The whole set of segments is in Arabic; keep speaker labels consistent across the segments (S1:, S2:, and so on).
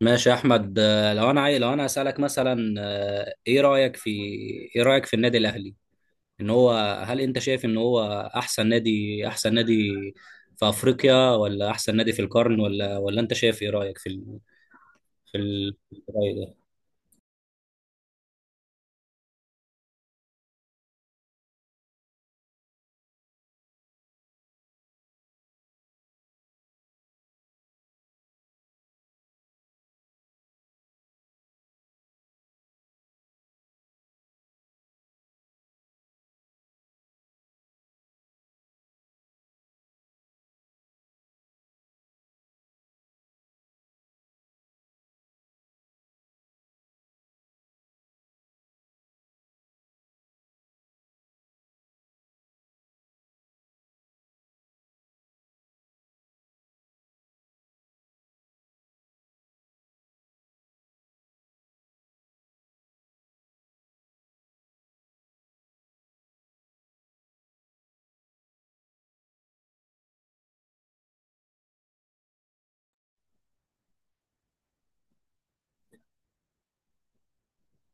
S1: ماشي يا احمد لو انا لو انا اسالك مثلا، ايه رايك في النادي الاهلي؟ ان هو هل انت شايف ان هو احسن نادي، في افريقيا، ولا احسن نادي في القرن، ولا انت شايف، ايه رايك في في الرأي ده؟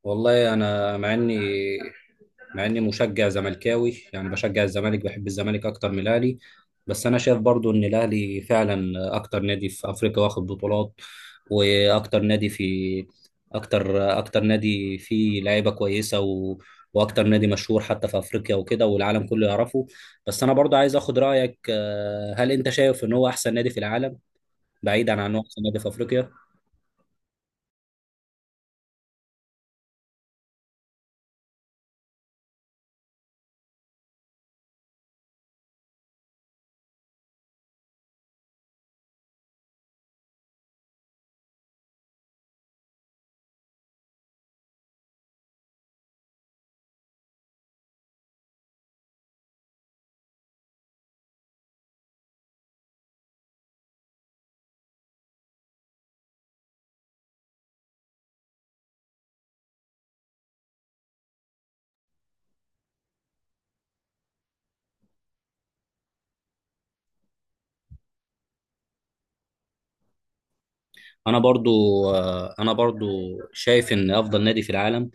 S1: والله انا، مع اني مشجع زملكاوي يعني، بشجع الزمالك، بحب الزمالك اكتر من الاهلي، بس انا شايف برضو ان الاهلي فعلا اكتر نادي في افريقيا واخد بطولات، واكتر نادي في، اكتر نادي فيه لعيبه كويسه واكتر نادي مشهور حتى في افريقيا وكده، والعالم كله يعرفه. بس انا برضو عايز اخد رايك، هل انت شايف ان هو احسن نادي في العالم، بعيدا عن إن هو احسن نادي في افريقيا؟ انا برضو انا برضو شايف ان افضل نادي في العالم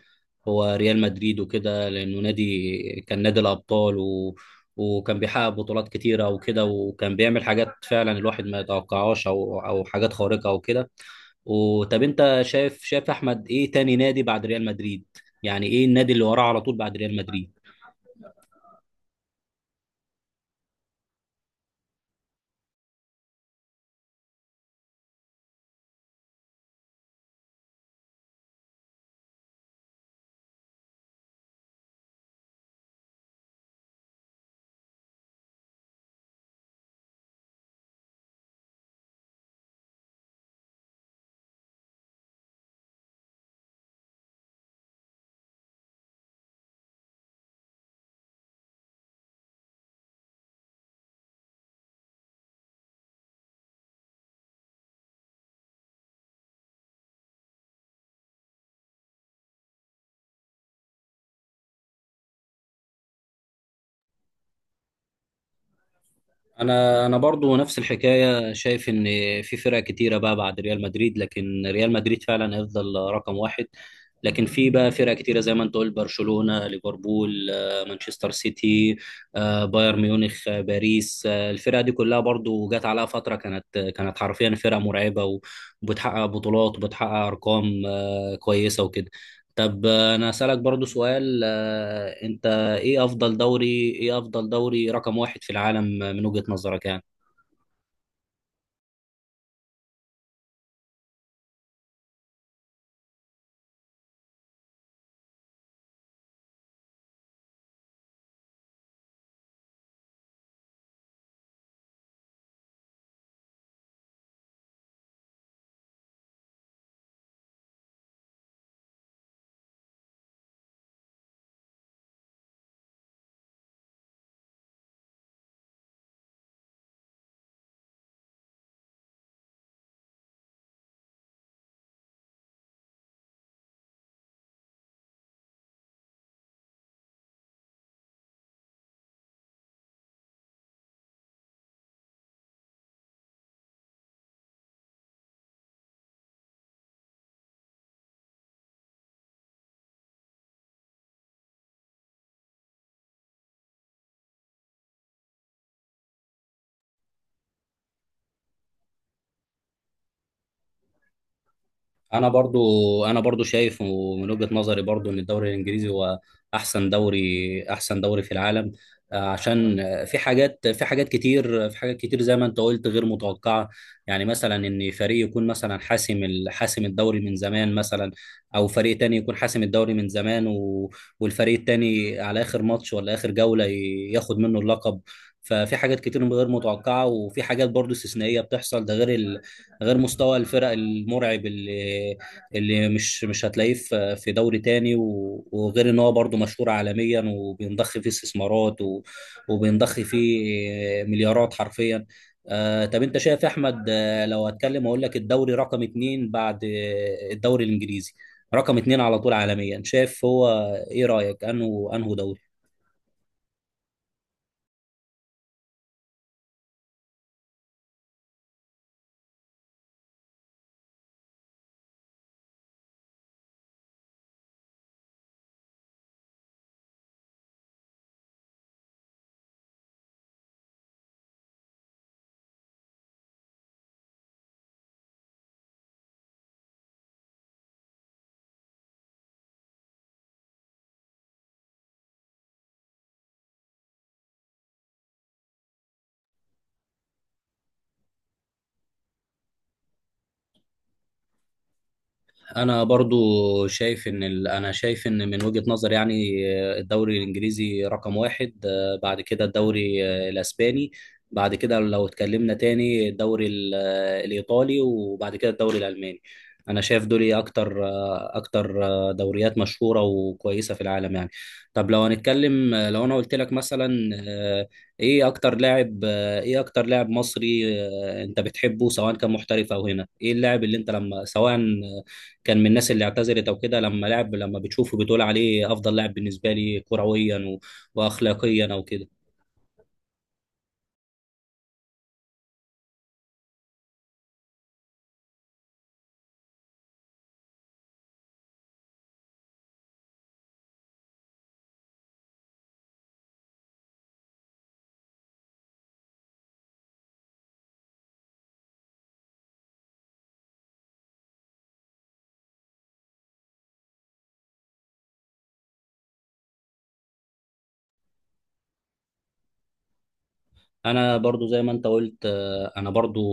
S1: هو ريال مدريد، وكده لانه نادي، كان نادي الابطال، وكان بيحقق بطولات كتيره وكده، وكان بيعمل حاجات فعلا الواحد ما يتوقعهاش، او حاجات خارقه وكده. وطب انت شايف احمد، ايه تاني نادي بعد ريال مدريد؟ يعني ايه النادي اللي وراه على طول بعد ريال مدريد؟ انا برضو نفس الحكايه، شايف ان في فرق كتيره بقى بعد ريال مدريد، لكن ريال مدريد فعلا هيفضل رقم واحد. لكن في بقى فرق كتيره زي ما انت قلت، برشلونه، ليفربول، مانشستر سيتي، بايرن ميونخ، باريس، الفرق دي كلها برضو جت عليها فتره كانت حرفيا فرق مرعبه وبتحقق بطولات، وبتحقق ارقام كويسه وكده. طب انا اسالك برضو سؤال، انت ايه افضل دوري، رقم واحد في العالم من وجهة نظرك يعني؟ انا برضو انا برضو شايف ومن وجهة نظري برضو ان الدوري الانجليزي هو احسن دوري، في العالم، عشان في حاجات، في حاجات كتير زي ما انت قلت غير متوقعة. يعني مثلا ان فريق يكون مثلا حاسم حاسم الدوري من زمان، مثلا، او فريق تاني يكون حاسم الدوري من زمان، والفريق التاني على اخر ماتش ولا اخر جولة ياخد منه اللقب. ففي حاجات كتير غير متوقعة، وفي حاجات برضو استثنائية بتحصل، ده غير غير مستوى الفرق المرعب اللي مش هتلاقيه في دوري تاني، وغير ان هو برضه مشهور عالميا، وبينضخ فيه استثمارات وبينضخ فيه مليارات حرفيا. طب انت شايف يا احمد، لو هتكلم اقول لك الدوري رقم اتنين بعد الدوري الانجليزي، رقم اتنين على طول عالميا، شايف هو ايه رأيك، انه دوري؟ انا برضو شايف انا شايف ان من وجهة نظر يعني، الدوري الانجليزي رقم واحد، بعد كده الدوري الاسباني، بعد كده لو اتكلمنا تاني الدوري الايطالي، وبعد كده الدوري الالماني. انا شايف دول إيه اكتر، دوريات مشهورة وكويسة في العالم يعني. طب لو هنتكلم، لو انا قلت لك مثلا، ايه اكتر لاعب، مصري، انت بتحبه، سواء كان محترف او هنا، ايه اللاعب اللي انت لما، سواء كان من الناس اللي اعتزلت او كده، لما لعب، لما بتشوفه بتقول عليه افضل لاعب بالنسبه لي كرويا واخلاقيا او كده؟ انا برضو زي ما انت قلت،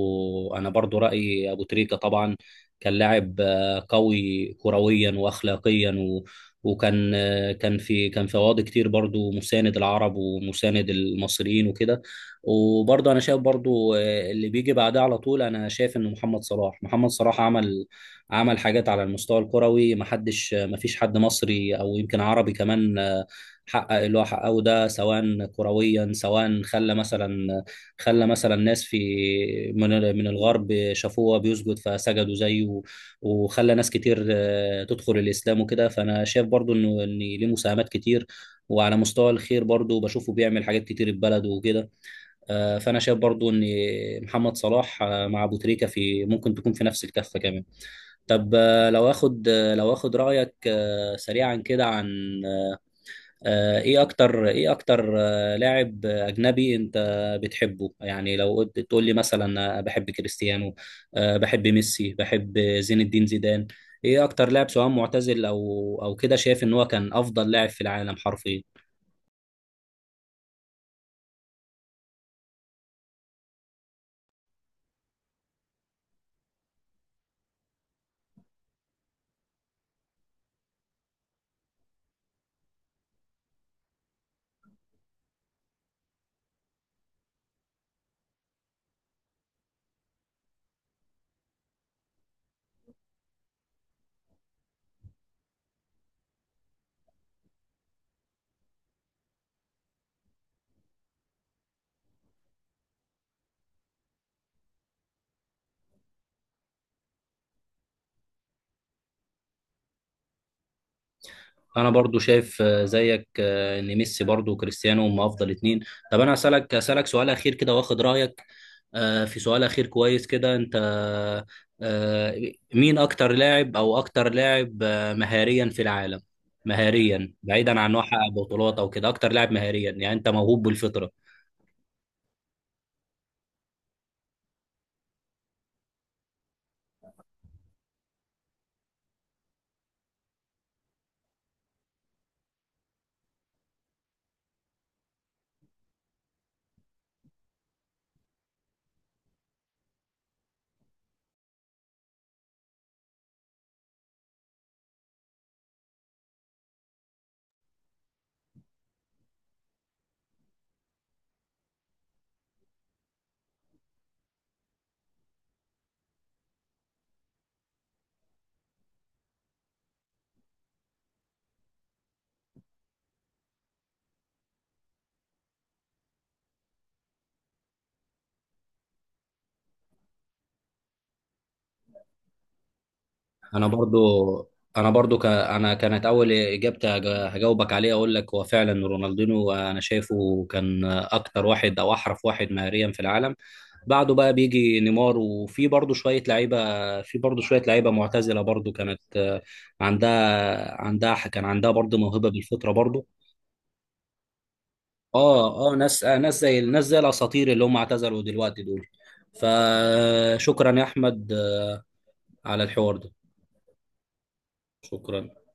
S1: انا برضو رايي ابو تريكه طبعا. كان لاعب قوي كرويا واخلاقيا، و وكان آه، كان في كان في قواضي كتير برضو، مساند العرب ومساند المصريين وكده. وبرضو انا شايف برضو، اللي بيجي بعدها على طول، انا شايف ان محمد صلاح. عمل، حاجات على المستوى الكروي، ما فيش حد مصري او يمكن عربي كمان حقق اللي هو حققه ده، سواء كرويا، سواء خلى مثلا، ناس في من الغرب شافوه بيسجد فسجدوا زيه، وخلى ناس كتير تدخل الاسلام وكده. فانا شايف برضو ان ليه مساهمات كتير، وعلى مستوى الخير برضو بشوفه بيعمل حاجات كتير في بلده وكده. فانا شايف برضو ان محمد صلاح مع ابو تريكة، في ممكن تكون في نفس الكفه كمان. طب، لو اخد رايك سريعا كده عن، ايه اكتر لاعب اجنبي انت بتحبه؟ يعني لو قلت تقول لي مثلا، بحب كريستيانو، بحب ميسي، بحب زين الدين زيدان. ايه اكتر لاعب، سواء معتزل او كده، شايف ان هو كان افضل لاعب في العالم حرفيا؟ انا برضو شايف، زيك ان ميسي برضو وكريستيانو هم افضل اتنين. طب انا اسالك سؤال اخير كده واخد رايك، آه، في سؤال اخير كويس كده، انت مين اكتر لاعب، او اكتر لاعب آه، مهاريا في العالم؟ مهاريا بعيدا عن انه حقق بطولات او كده، اكتر لاعب مهاريا يعني، انت موهوب بالفطرة. انا برضو انا برضو، ك... انا كانت اول اجابتي، هجاوبك عليها اقول لك هو فعلا رونالدينو، انا شايفه كان اكتر واحد او احرف واحد مهاريا في العالم. بعده بقى بيجي نيمار، وفي برضو شوية لعيبة، معتزلة برضو، كانت عندها كان عندها برضو موهبة بالفطرة برضو. اه ناس، ناس زي الاساطير اللي هم اعتزلوا دلوقتي دول. فشكرا يا احمد على الحوار ده. شكرا.